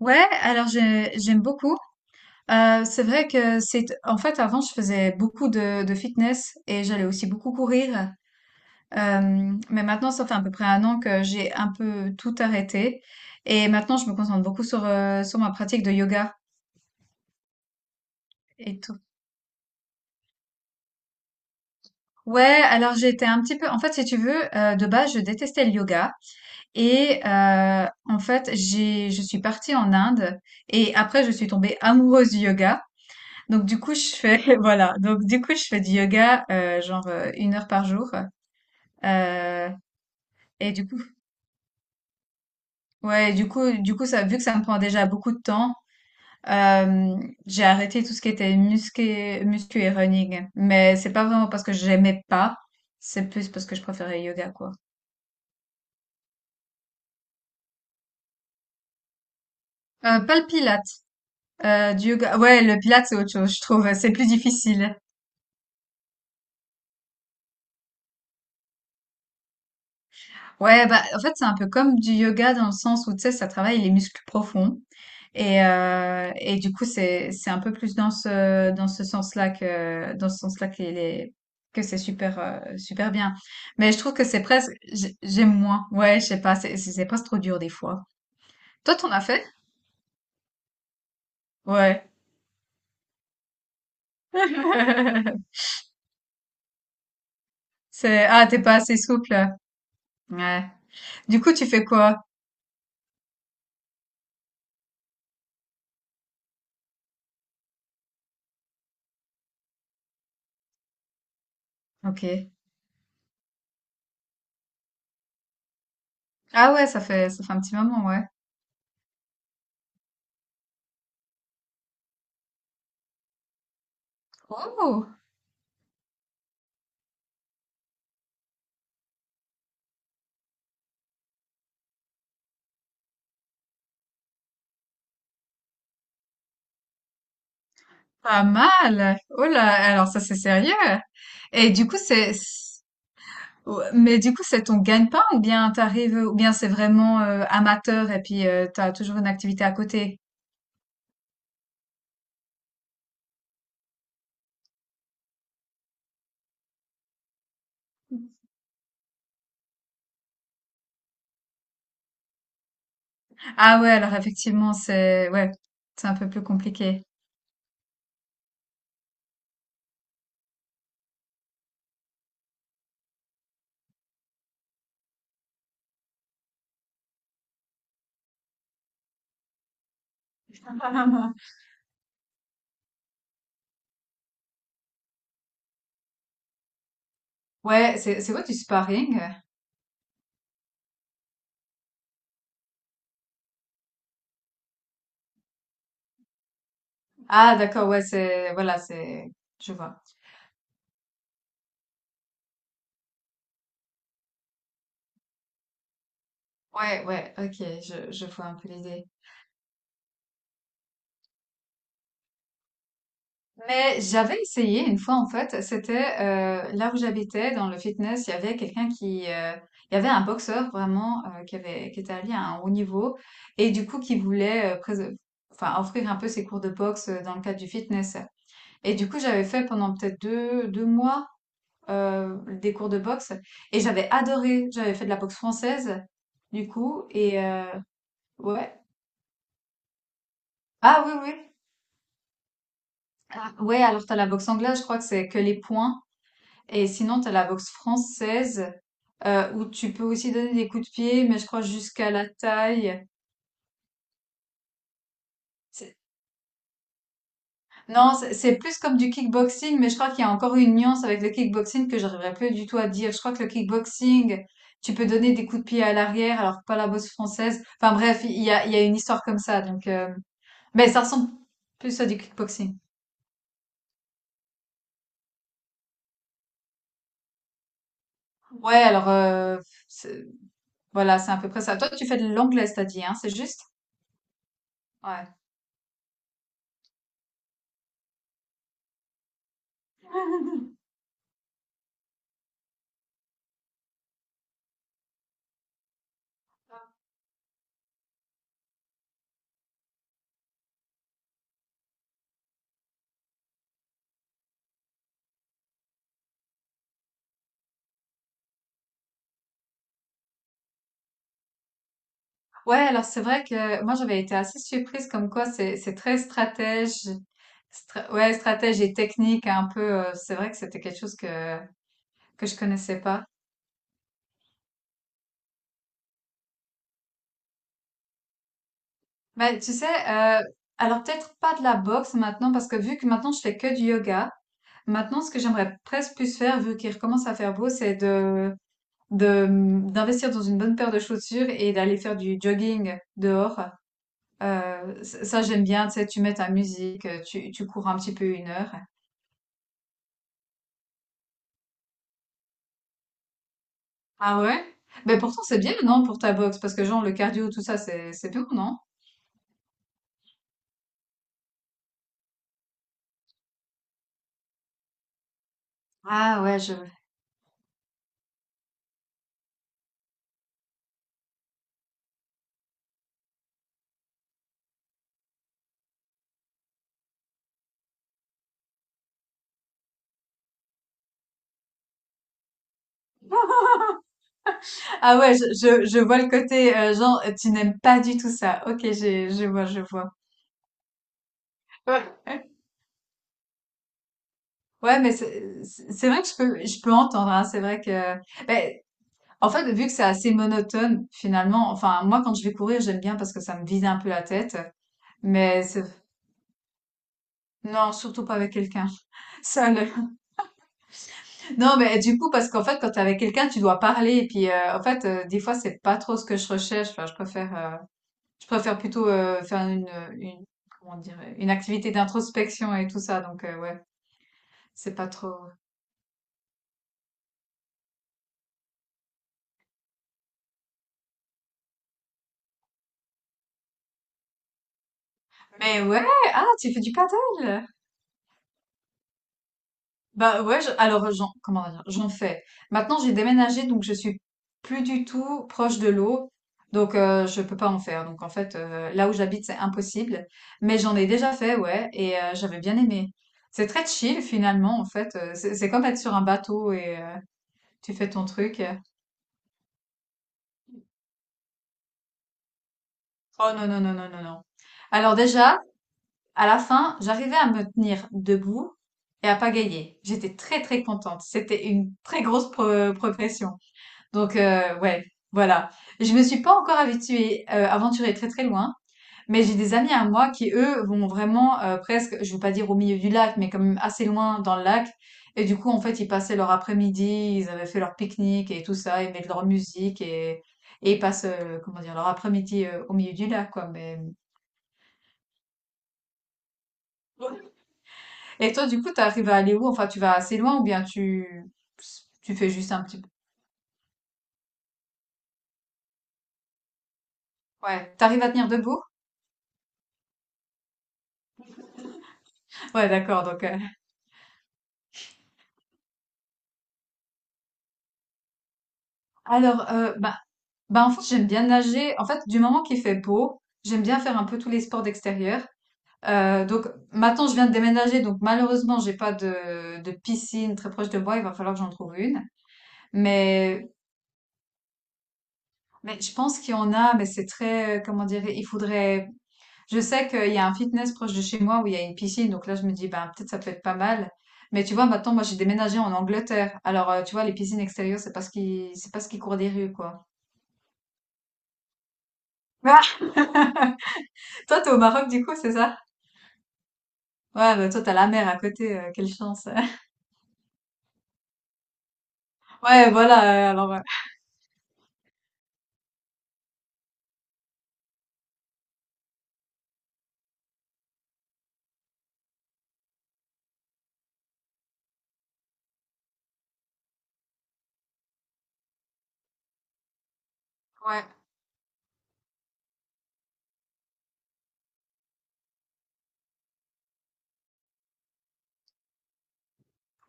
Ouais, alors j'aime beaucoup. C'est vrai que c'est en fait avant je faisais beaucoup de fitness et j'allais aussi beaucoup courir. Mais maintenant ça fait à peu près un an que j'ai un peu tout arrêté et maintenant je me concentre beaucoup sur sur ma pratique de yoga et tout. Ouais, alors j'étais un petit peu en fait si tu veux de base je détestais le yoga et en fait j'ai je suis partie en Inde et après je suis tombée amoureuse du yoga. Donc du coup je fais voilà donc du coup je fais du yoga genre une heure par jour. Euh, et du coup ouais du coup ça vu que ça me prend déjà beaucoup de temps, euh, j'ai arrêté tout ce qui était muscu et running, mais c'est pas vraiment parce que j'aimais pas, c'est plus parce que je préférais yoga quoi. Pas le pilate, du yoga ouais, le pilate c'est autre chose, je trouve c'est plus difficile. Ouais, bah, en fait, c'est un peu comme du yoga dans le sens où, tu sais, ça travaille les muscles profonds. Et du coup, c'est un peu plus dans dans ce sens-là que, dans ce sens-là que les que c'est super, super bien. Mais je trouve que c'est presque, j'aime moins. Ouais, je sais pas, c'est presque trop dur des fois. Toi, t'en as fait? Ouais. C'est, ah, t'es pas assez souple. Ouais. Du coup, tu fais quoi? Ok. Ah ouais, ça fait un petit moment, ouais. Oh! Pas mal. Oh là, alors ça c'est sérieux. Et du coup ouais, mais du coup c'est ton gagne-pain ou bien t'arrives, ou bien c'est vraiment amateur et puis t'as toujours une activité à côté. Ah ouais, alors effectivement ouais, c'est un peu plus compliqué. Ouais, c'est quoi du sparring? Ah d'accord, ouais voilà c'est, je vois. Ouais ouais, ok, je vois un peu l'idée. Mais j'avais essayé une fois en fait, c'était là où j'habitais dans le fitness, il y avait quelqu'un qui, il y avait un boxeur vraiment qui avait, qui était allé à un haut niveau et du coup qui voulait enfin offrir un peu ses cours de boxe dans le cadre du fitness. Et du coup j'avais fait pendant peut-être deux mois, des cours de boxe et j'avais adoré. J'avais fait de la boxe française du coup et ouais, ah oui oui, ah, ouais alors t'as la boxe anglaise, je crois que c'est que les points. Et sinon, tu as la boxe française où tu peux aussi donner des coups de pied, mais je crois jusqu'à la taille. C'est- Non, c'est plus comme du kickboxing, mais je crois qu'il y a encore une nuance avec le kickboxing que j'arriverai plus du tout à dire. Je crois que le kickboxing, tu peux donner des coups de pied à l'arrière, alors que pas la boxe française. Enfin bref, il y a une histoire comme ça. Donc, mais ça ressemble plus à du kickboxing. Ouais, alors c'est- voilà, c'est à peu près ça. Toi, tu fais de l'anglais, t'as dit, hein, c'est juste? Ouais. Ouais, alors c'est vrai que moi j'avais été assez surprise comme quoi c'est très stratège, ouais stratège et technique un peu. C'est vrai que c'était quelque chose que je connaissais pas. Mais tu sais, alors peut-être pas de la boxe maintenant parce que vu que maintenant je fais que du yoga, maintenant ce que j'aimerais presque plus faire vu qu'il recommence à faire beau, c'est de d'investir dans une bonne paire de chaussures et d'aller faire du jogging dehors. J'aime bien, tu sais, tu mets ta musique, tu cours un petit peu une heure. Ah ouais? Mais pourtant, c'est bien, non, pour ta boxe? Parce que genre, le cardio, tout ça, c'est bien, non? Ah ouais, je... Ah ouais, je vois le côté, genre, tu n'aimes pas du tout ça. Ok, je vois, je vois. Ouais. Ouais, mais c'est vrai que je peux entendre, hein, c'est vrai que... ben, en fait, vu que c'est assez monotone, finalement, enfin, moi, quand je vais courir, j'aime bien parce que ça me vide un peu la tête. Mais c'est- non, surtout pas avec quelqu'un. Seul, non, mais du coup, parce qu'en fait, quand t'es avec quelqu'un, tu dois parler. Et puis, en fait, des fois, c'est pas trop ce que je recherche. Enfin, je préfère plutôt faire une, comment dire, une activité d'introspection et tout ça. Donc, ouais, c'est pas trop. Mais ouais, ah, tu fais du paddle! Bah ouais, alors comment dire, j'en fais. Maintenant, j'ai déménagé, donc je suis plus du tout proche de l'eau, donc je peux pas en faire. Donc en fait, là où j'habite, c'est impossible. Mais j'en ai déjà fait, ouais, et j'avais bien aimé. C'est très chill finalement, en fait. C'est comme être sur un bateau et tu fais ton truc. Oh non, non, non, non, non, non. Alors déjà, à la fin, j'arrivais à me tenir debout et à pagayer. J'étais très très contente. C'était une très grosse progression. Donc ouais, voilà. Je me suis pas encore aventurée très, très loin, mais j'ai des amis à moi qui, eux, vont vraiment, presque, je veux pas dire au milieu du lac, mais quand même assez loin dans le lac et du coup, en fait, ils passaient leur après-midi, ils avaient fait leur pique-nique et tout ça, ils mettent leur musique et ils passent, comment dire? Leur après-midi, au milieu du lac, quoi, mais ouais. Et toi, du coup, tu arrives à aller où? Enfin, tu vas assez loin ou bien tu fais juste un petit peu, ouais, tu arrives à tenir debout? Ouais, d'accord, donc alors, ben, bah, en fait, j'aime bien nager. En fait, du moment qu'il fait beau, j'aime bien faire un peu tous les sports d'extérieur. Donc maintenant, je viens de déménager, donc malheureusement, j'ai pas de piscine très proche de moi. Il va falloir que j'en trouve une. Mais, mais je pense qu'il y en a, mais c'est très, comment dire, il faudrait. Je sais qu'il y a un fitness proche de chez moi où il y a une piscine, donc là, je me dis, ben peut-être ça peut être pas mal. Mais tu vois, maintenant, moi, j'ai déménagé en Angleterre. Alors, tu vois, les piscines extérieures, c'est c'est parce qu'ils courent des rues, quoi. Toi, t'es au Maroc, du coup, c'est ça? Ouais, bah, toi, t'as la mer à côté, quelle chance. Ouais, voilà, alors, ouais.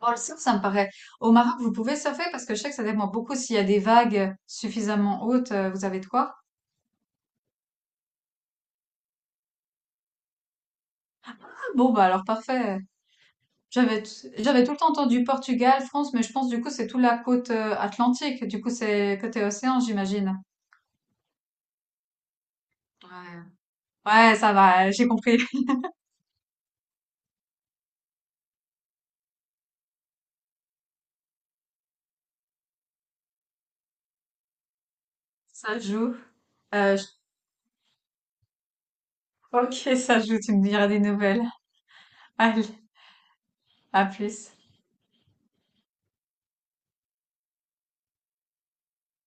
Bon, le surf, ça me paraît au Maroc, vous pouvez surfer? Parce que je sais que ça dépend beaucoup s'il y a des vagues suffisamment hautes, vous avez de quoi? Ah bon, bah, alors parfait. J'avais tout le temps entendu Portugal, France, mais je pense, du coup, c'est toute la côte, atlantique. Du coup, c'est côté océan, j'imagine? Ouais. Ouais, ça va, j'ai compris. Ça joue. J OK, ça joue, tu me diras des nouvelles. Allez, à plus.